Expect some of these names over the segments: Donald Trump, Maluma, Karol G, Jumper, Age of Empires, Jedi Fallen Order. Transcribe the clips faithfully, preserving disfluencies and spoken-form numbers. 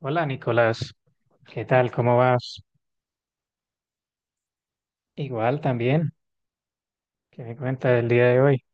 Hola Nicolás, ¿qué tal? ¿Cómo vas? Igual también, ¿qué me cuenta del día de hoy?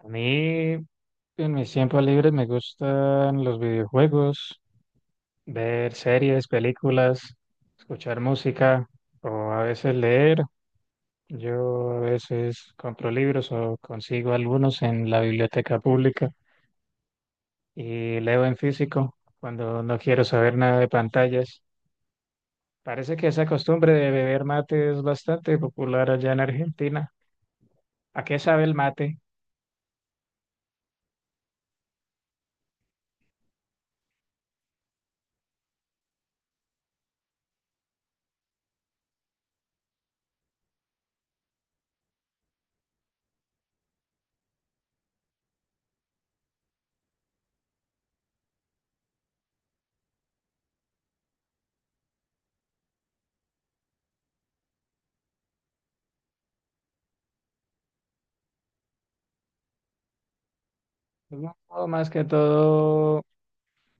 A mí en mis tiempos libres me gustan los videojuegos, ver series, películas, escuchar música o a veces leer. Yo a veces compro libros o consigo algunos en la biblioteca pública y leo en físico cuando no quiero saber nada de pantallas. Parece que esa costumbre de beber mate es bastante popular allá en Argentina. ¿A qué sabe el mate? Es un juego más que todo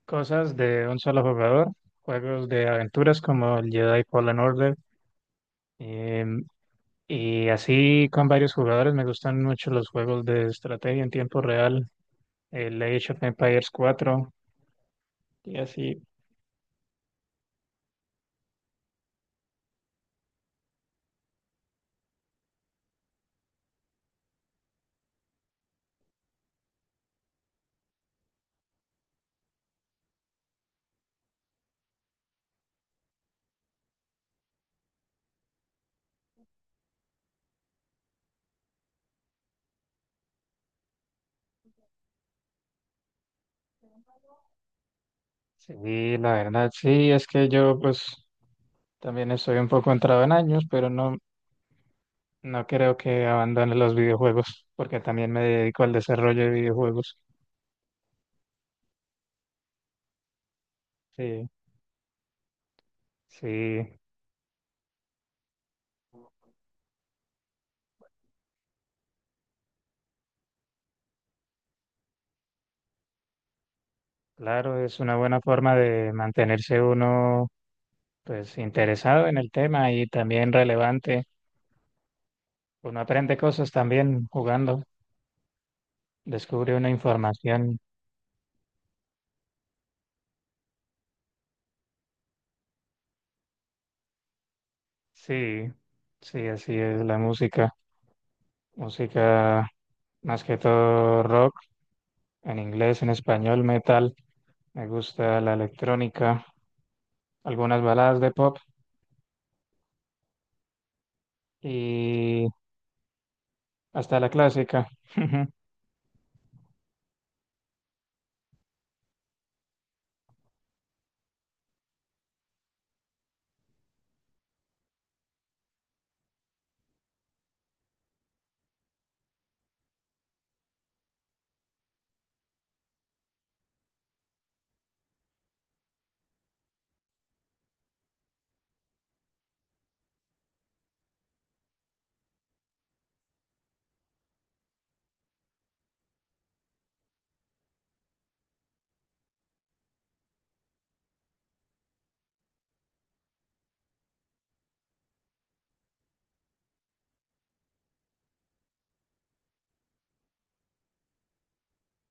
cosas de un solo jugador, juegos de aventuras como el Jedi Fallen Order, em, y así con varios jugadores. Me gustan mucho los juegos de estrategia en tiempo real, el Age of Empires cuatro y así. Sí, la verdad, sí, es que yo pues también estoy un poco entrado en años, pero no, no creo que abandone los videojuegos, porque también me dedico al desarrollo de videojuegos. Sí, sí. Claro, es una buena forma de mantenerse uno pues interesado en el tema y también relevante. Uno aprende cosas también jugando, descubre una información. Sí, sí, así es la música. Música más que todo rock, en inglés, en español, metal. Me gusta la electrónica, algunas baladas de pop y hasta la clásica.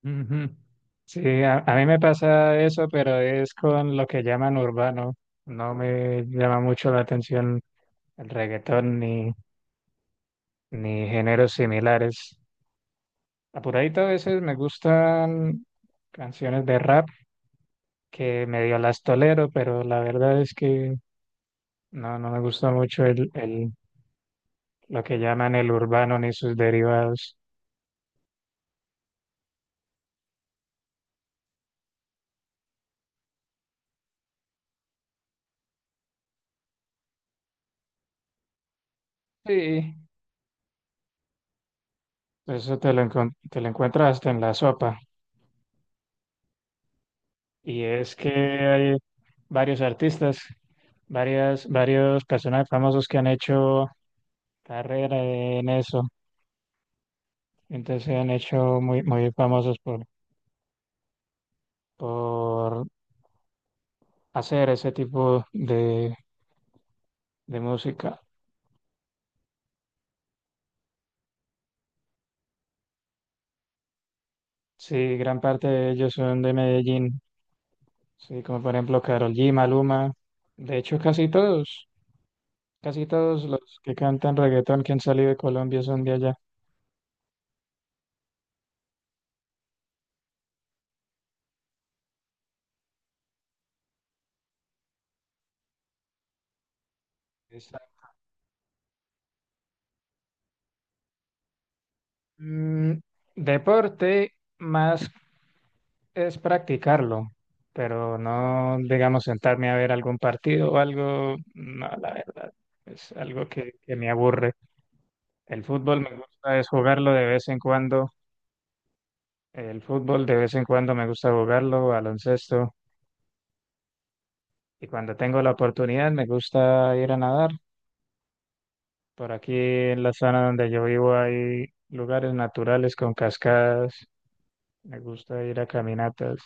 Ujú. Sí, a, a mí me pasa eso, pero es con lo que llaman urbano. No me llama mucho la atención el reggaetón ni, ni géneros similares. Apuradito a veces me gustan canciones de rap que medio las tolero, pero la verdad es que no, no me gusta mucho el, el, lo que llaman el urbano ni sus derivados. Sí, eso te lo, encon- te lo encuentras hasta en la sopa. Y es que hay varios artistas, varias, varios personajes famosos que han hecho carrera en eso. Entonces se han hecho muy, muy famosos por, por hacer ese tipo de, de música. Sí, gran parte de ellos son de Medellín. Sí, como por ejemplo Karol G, Maluma. De hecho, casi todos, casi todos los que cantan reggaetón que han salido de Colombia son de allá. Está- Mm, deporte más es practicarlo, pero no, digamos, sentarme a ver algún partido o algo, no, la verdad, es algo que, que me aburre. El fútbol me gusta es jugarlo de vez en cuando, el fútbol de vez en cuando me gusta jugarlo, baloncesto, y cuando tengo la oportunidad me gusta ir a nadar. Por aquí en la zona donde yo vivo hay lugares naturales con cascadas, me gusta ir a caminatas,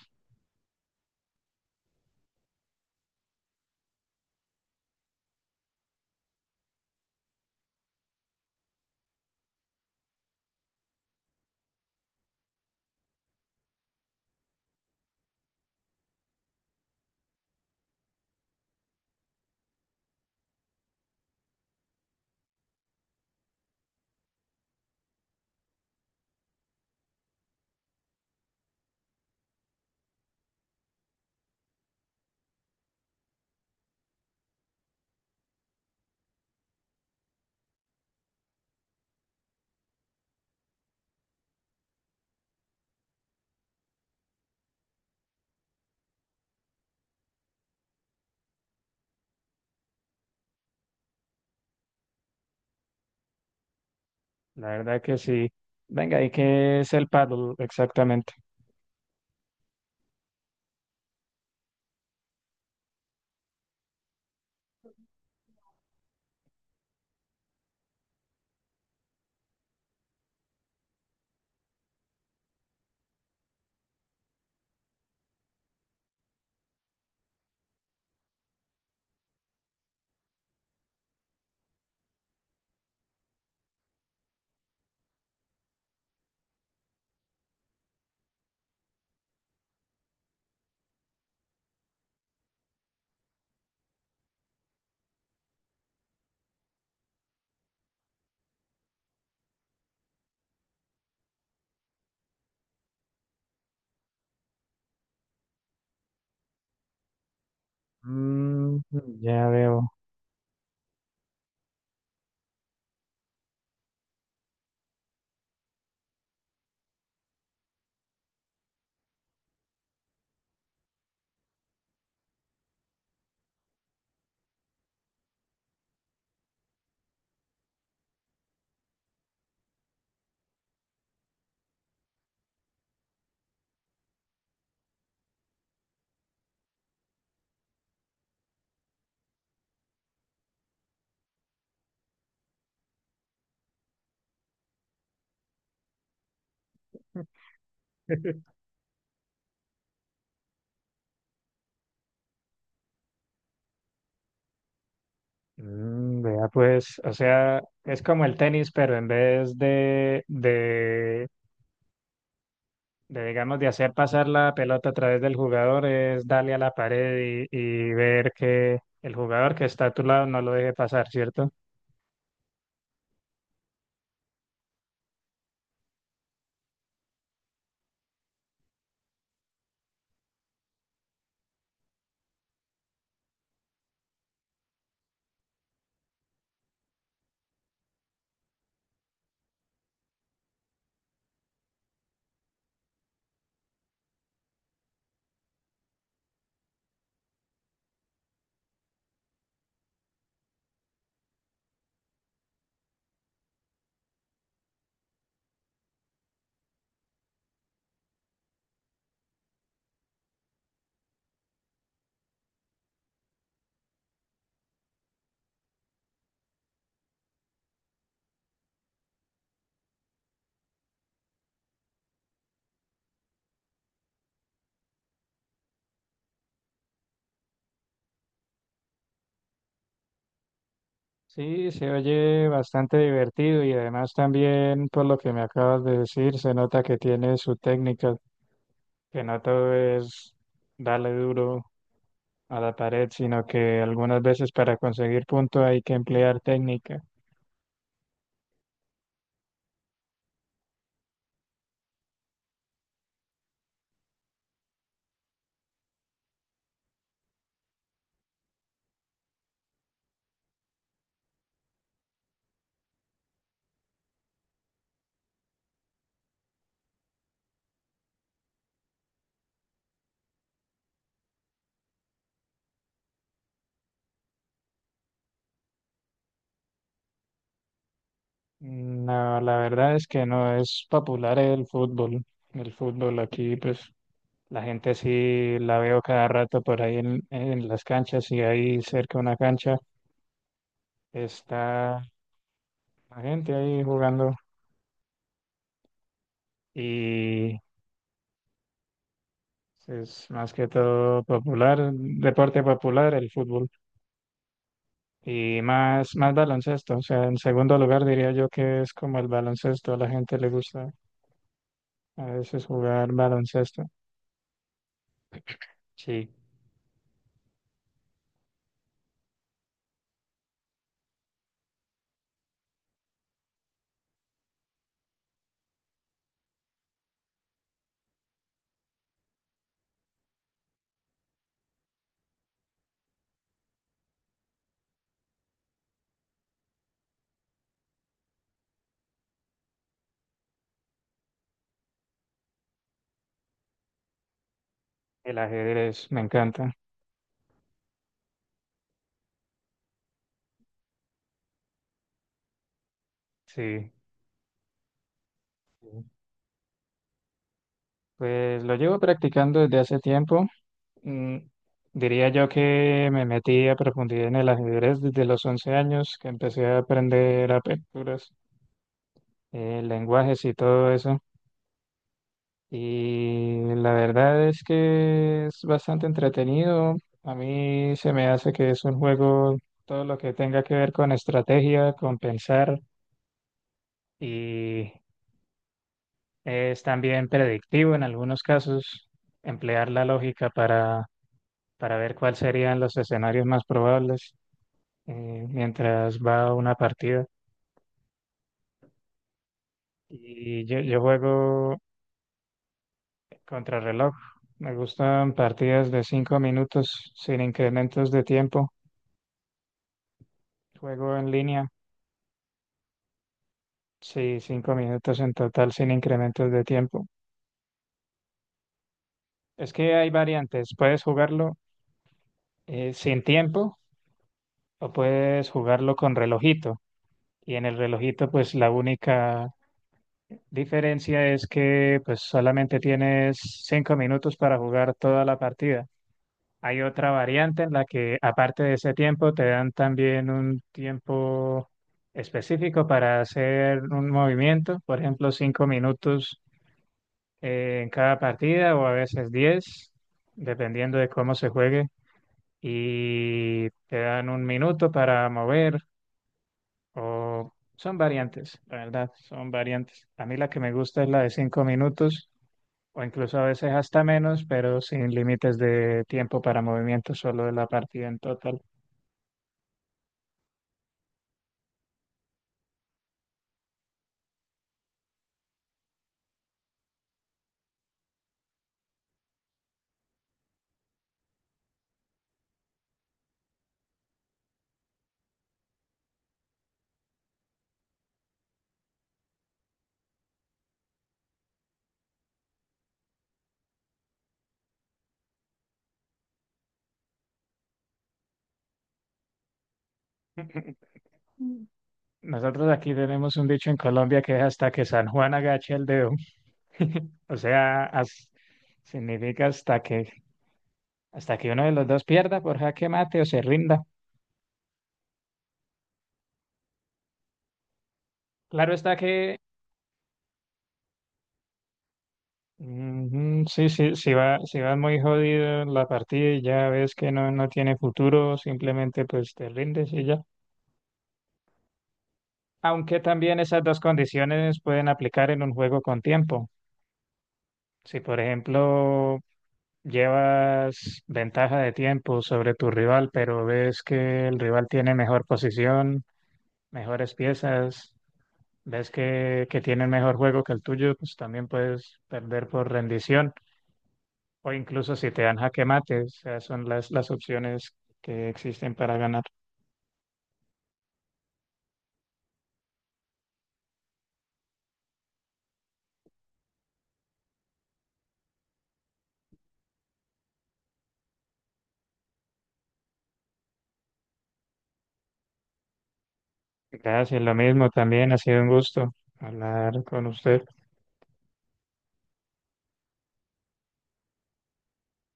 la verdad que sí. Venga, ¿y qué es el paddle exactamente? Mm, ya veo. Mm, vea, pues, o sea, es como el tenis, pero en vez de, de, de, digamos, de hacer pasar la pelota a través del jugador, es darle a la pared y, y ver que el jugador que está a tu lado no lo deje pasar, ¿cierto? Sí, se oye bastante divertido y además también, por lo que me acabas de decir, se nota que tiene su técnica, que no todo es darle duro. a la pared, sino que algunas veces para conseguir punto hay que emplear técnica. Mm, No, la verdad es que no es popular el fútbol. El fútbol aquí, pues la gente sí la veo cada rato por ahí en, en las canchas y ahí cerca de una cancha está la gente ahí jugando y es más que todo popular, deporte popular el fútbol. Y más, más baloncesto, o sea, en segundo lugar diría yo que es como el baloncesto, a la gente le gusta. A veces jugar baloncesto. Sí, el ajedrez me encanta. Sí. sí. Pues lo llevo practicando desde hace tiempo. Mm, diría yo que me metí a profundidad en el ajedrez desde los once años, que empecé a aprender aperturas, eh, lenguajes y todo eso. Y la verdad es que es bastante entretenido. A mí se me hace que es un juego, todo lo que tenga que ver con estrategia, con pensar. Y Es también predictivo en algunos casos emplear la lógica para, para ver cuáles serían los escenarios más probables eh, mientras va una partida. Y yo, yo juego contrarreloj. Me gustan partidas de cinco minutos sin incrementos de tiempo. Juego en línea, sí, cinco minutos en total sin incrementos de tiempo. Es que hay variantes. Puedes jugarlo eh, sin tiempo o puedes jugarlo con relojito. Y en el relojito, pues la única diferencia es que pues solamente tienes cinco minutos para jugar toda la partida. Hay otra variante en la que, aparte de ese tiempo, te dan también un tiempo específico para hacer un movimiento, por ejemplo, cinco minutos eh, en cada partida o a veces diez, dependiendo de cómo se juegue. Y te dan un minuto para mover O son variantes, la verdad, son variantes. A mí la que me gusta es la de cinco minutos o incluso a veces hasta menos, pero sin límites de tiempo para movimiento, solo de la partida en total. Nosotros aquí tenemos un dicho en Colombia que es hasta que San Juan agache el dedo. O sea, as- significa hasta que, hasta que uno de los dos pierda por jaque mate o se rinda. Claro está que. Ujú. Sí, sí, si va, si va muy jodida la partida y ya ves que no, no tiene futuro, simplemente pues te rindes y ya. Aunque también esas dos condiciones pueden aplicar en un juego con tiempo. Si por ejemplo llevas ventaja de tiempo sobre tu rival, pero ves que el rival tiene mejor posición, mejores piezas, ves que, que tiene mejor juego que el tuyo, pues también puedes perder por rendición. O incluso si te dan jaque mate, o sea, son las, las opciones que existen para ganar. Gracias, lo mismo también, ha sido un gusto hablar con usted.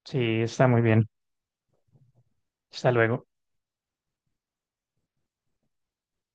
Sí, está muy bien. Hasta luego.